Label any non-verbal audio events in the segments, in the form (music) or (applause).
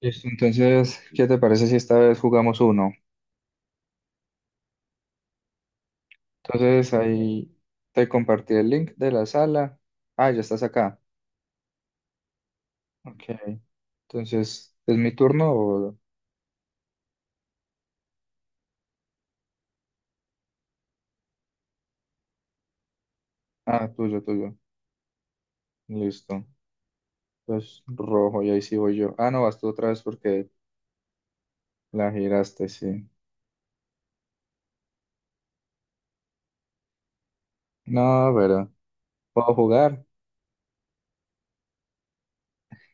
Listo, entonces, ¿qué te parece si esta vez jugamos uno? Entonces ahí te compartí el link de la sala. Ah, ya estás acá. Ok, entonces, ¿es mi turno o...? Ah, tuyo, tuyo. Listo. Entonces, rojo, y ahí sí voy yo. Ah, no, vas tú otra vez porque la giraste, sí. No, pero, ¿puedo jugar?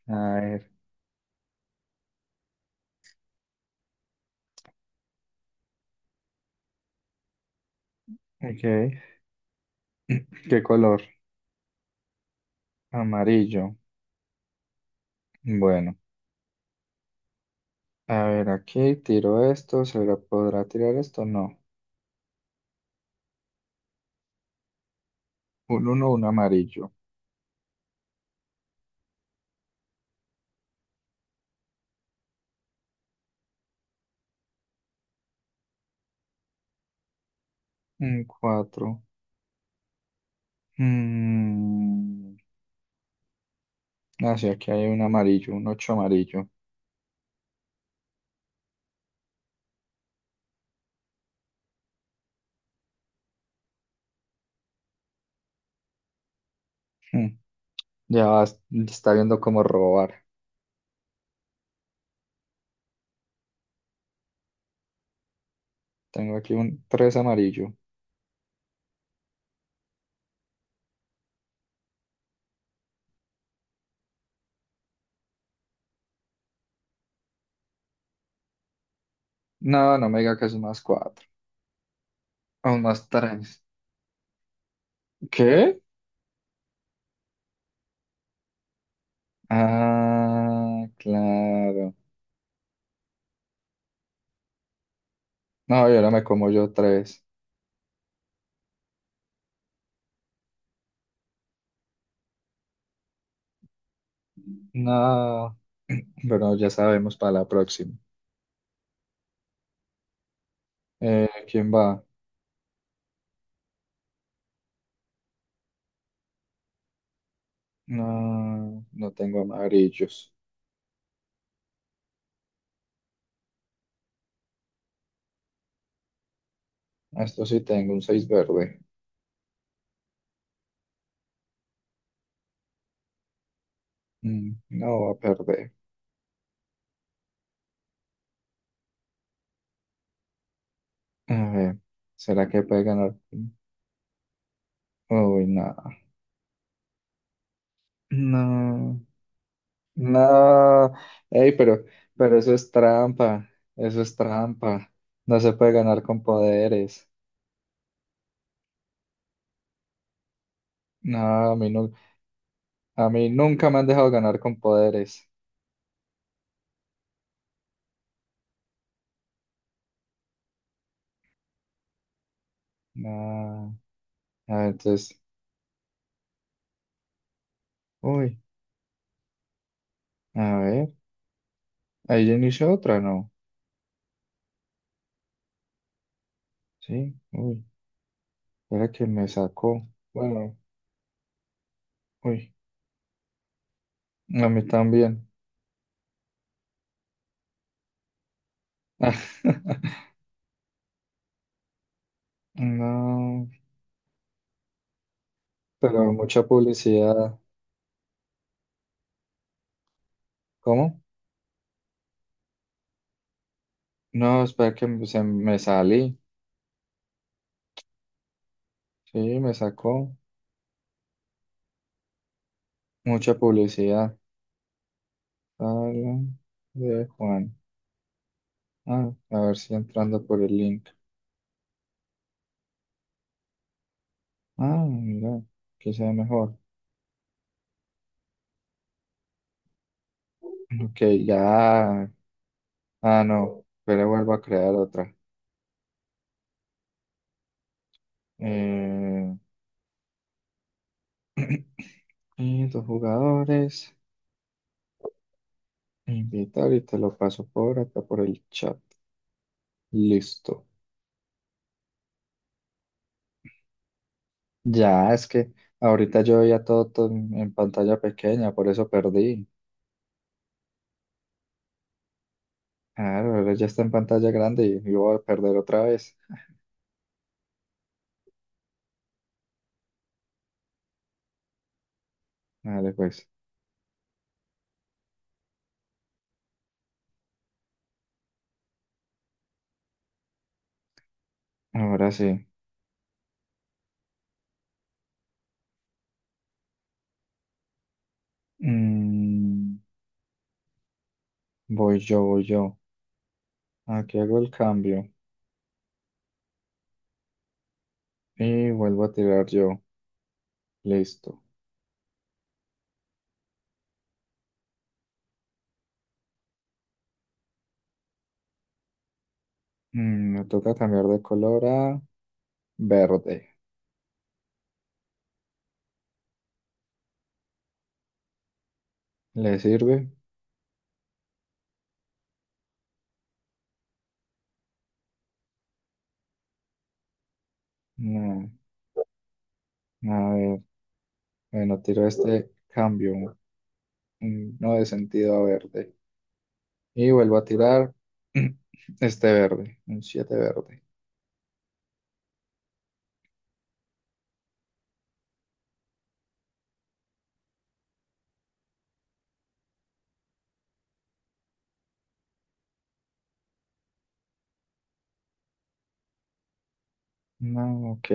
A ver, ok. ¿Qué color? Amarillo. Bueno, a ver, aquí tiro esto, ¿se lo podrá tirar esto? No. Un uno, un amarillo. Un 4, Mm. Ah, sí, aquí hay un amarillo, un 8 amarillo. Mm. Ya vas- Está viendo cómo robar. Tengo aquí un 3 amarillo. No, no me diga que es un más cuatro. Un más tres. ¿Qué? Ah, claro. No, y ahora me como yo tres. No, pero ya sabemos para la próxima. ¿Quién va? No, no tengo amarillos. Esto sí, tengo un 6 verde. No va a perder. A ver, ¿será que puede ganar? Uy, no, no, no. Ey, pero eso es trampa, eso es trampa. No se puede ganar con poderes. No, a mí, a mí nunca me han dejado ganar con poderes. No, a ver, entonces, uy, a ver, ahí ya inició otra, ¿no? Sí, uy, era que me sacó. Bueno, uy, a mí también. (laughs) No, pero mucha publicidad. ¿Cómo? No, espera que se me salí. Sí, me sacó mucha publicidad. Sala de Juan. Ah, a ver si entrando por el link. Ah, mira, que sea mejor. Ok, ya. Ah, no. Pero vuelvo a crear otra. Eh, (clears throat) y dos jugadores. Invitar y te lo paso por acá por el chat. Listo. Ya, es que ahorita yo veía todo, todo en pantalla pequeña, por eso perdí. Claro, ahora ya está en pantalla grande y yo voy a perder otra vez. Dale, pues. Ahora sí. Mm, Voy yo, voy yo. Aquí hago el cambio y vuelvo a tirar yo. Listo. Me toca cambiar de color a verde. ¿Le sirve? No. A ver, bueno, tiro este cambio. No de sentido a verde. Y vuelvo a tirar (clears throat) este verde. Un 7 verde. No, ok.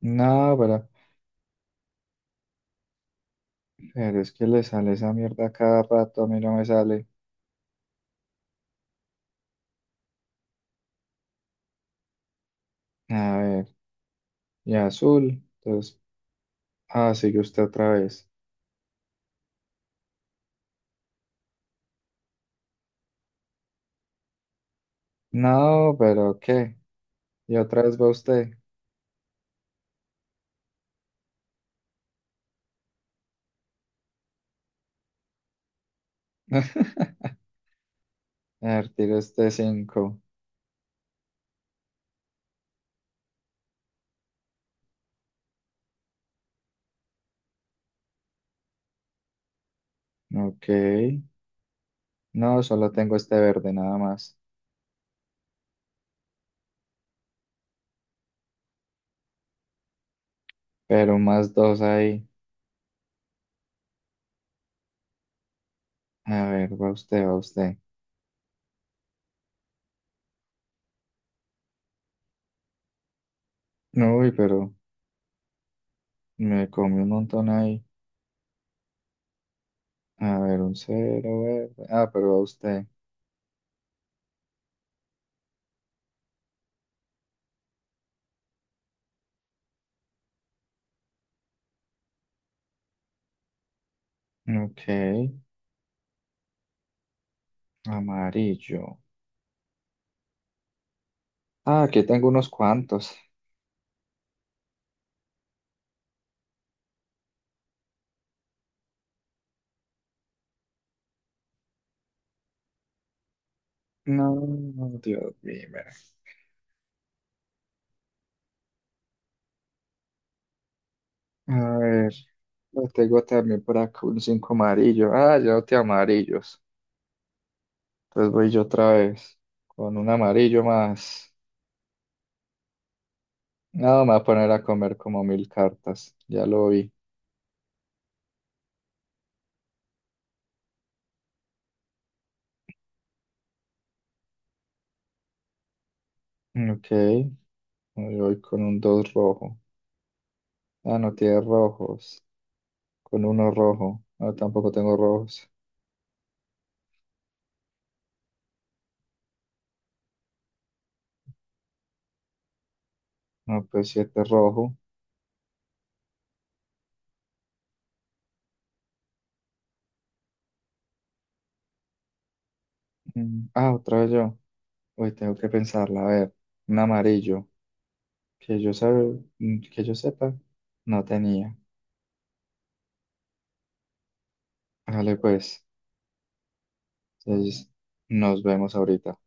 No, pero es que le sale esa mierda a cada rato, a mí no me sale. A ver, y azul. Entonces, ah, sigue usted otra vez. No, pero ¿qué? Y otra vez va usted. (laughs) A ver, tiro este cinco. Ok. No, solo tengo este verde nada más. Pero más dos ahí. A ver, va usted, va usted. Uy, pero me comí un montón ahí. A ver, un cero verde. Ah, pero va usted. Ok. Amarillo. Ah, aquí tengo unos cuantos. No, Dios mío. A ver, lo tengo también por acá, un 5 amarillo. Ah, ya no te amarillos. Entonces voy yo otra vez con un amarillo más. No, me voy a poner a comer como mil cartas. Ya lo vi. Ok, yo voy con un 2 rojo. Ah, no tiene rojos. Con uno rojo. No, tampoco tengo rojos. No, pues 7 rojo. Otra vez yo. Uy, tengo que pensarla. A ver, un amarillo. que yo sabe, que yo sepa, no tenía. Vale, pues, entonces nos vemos ahorita.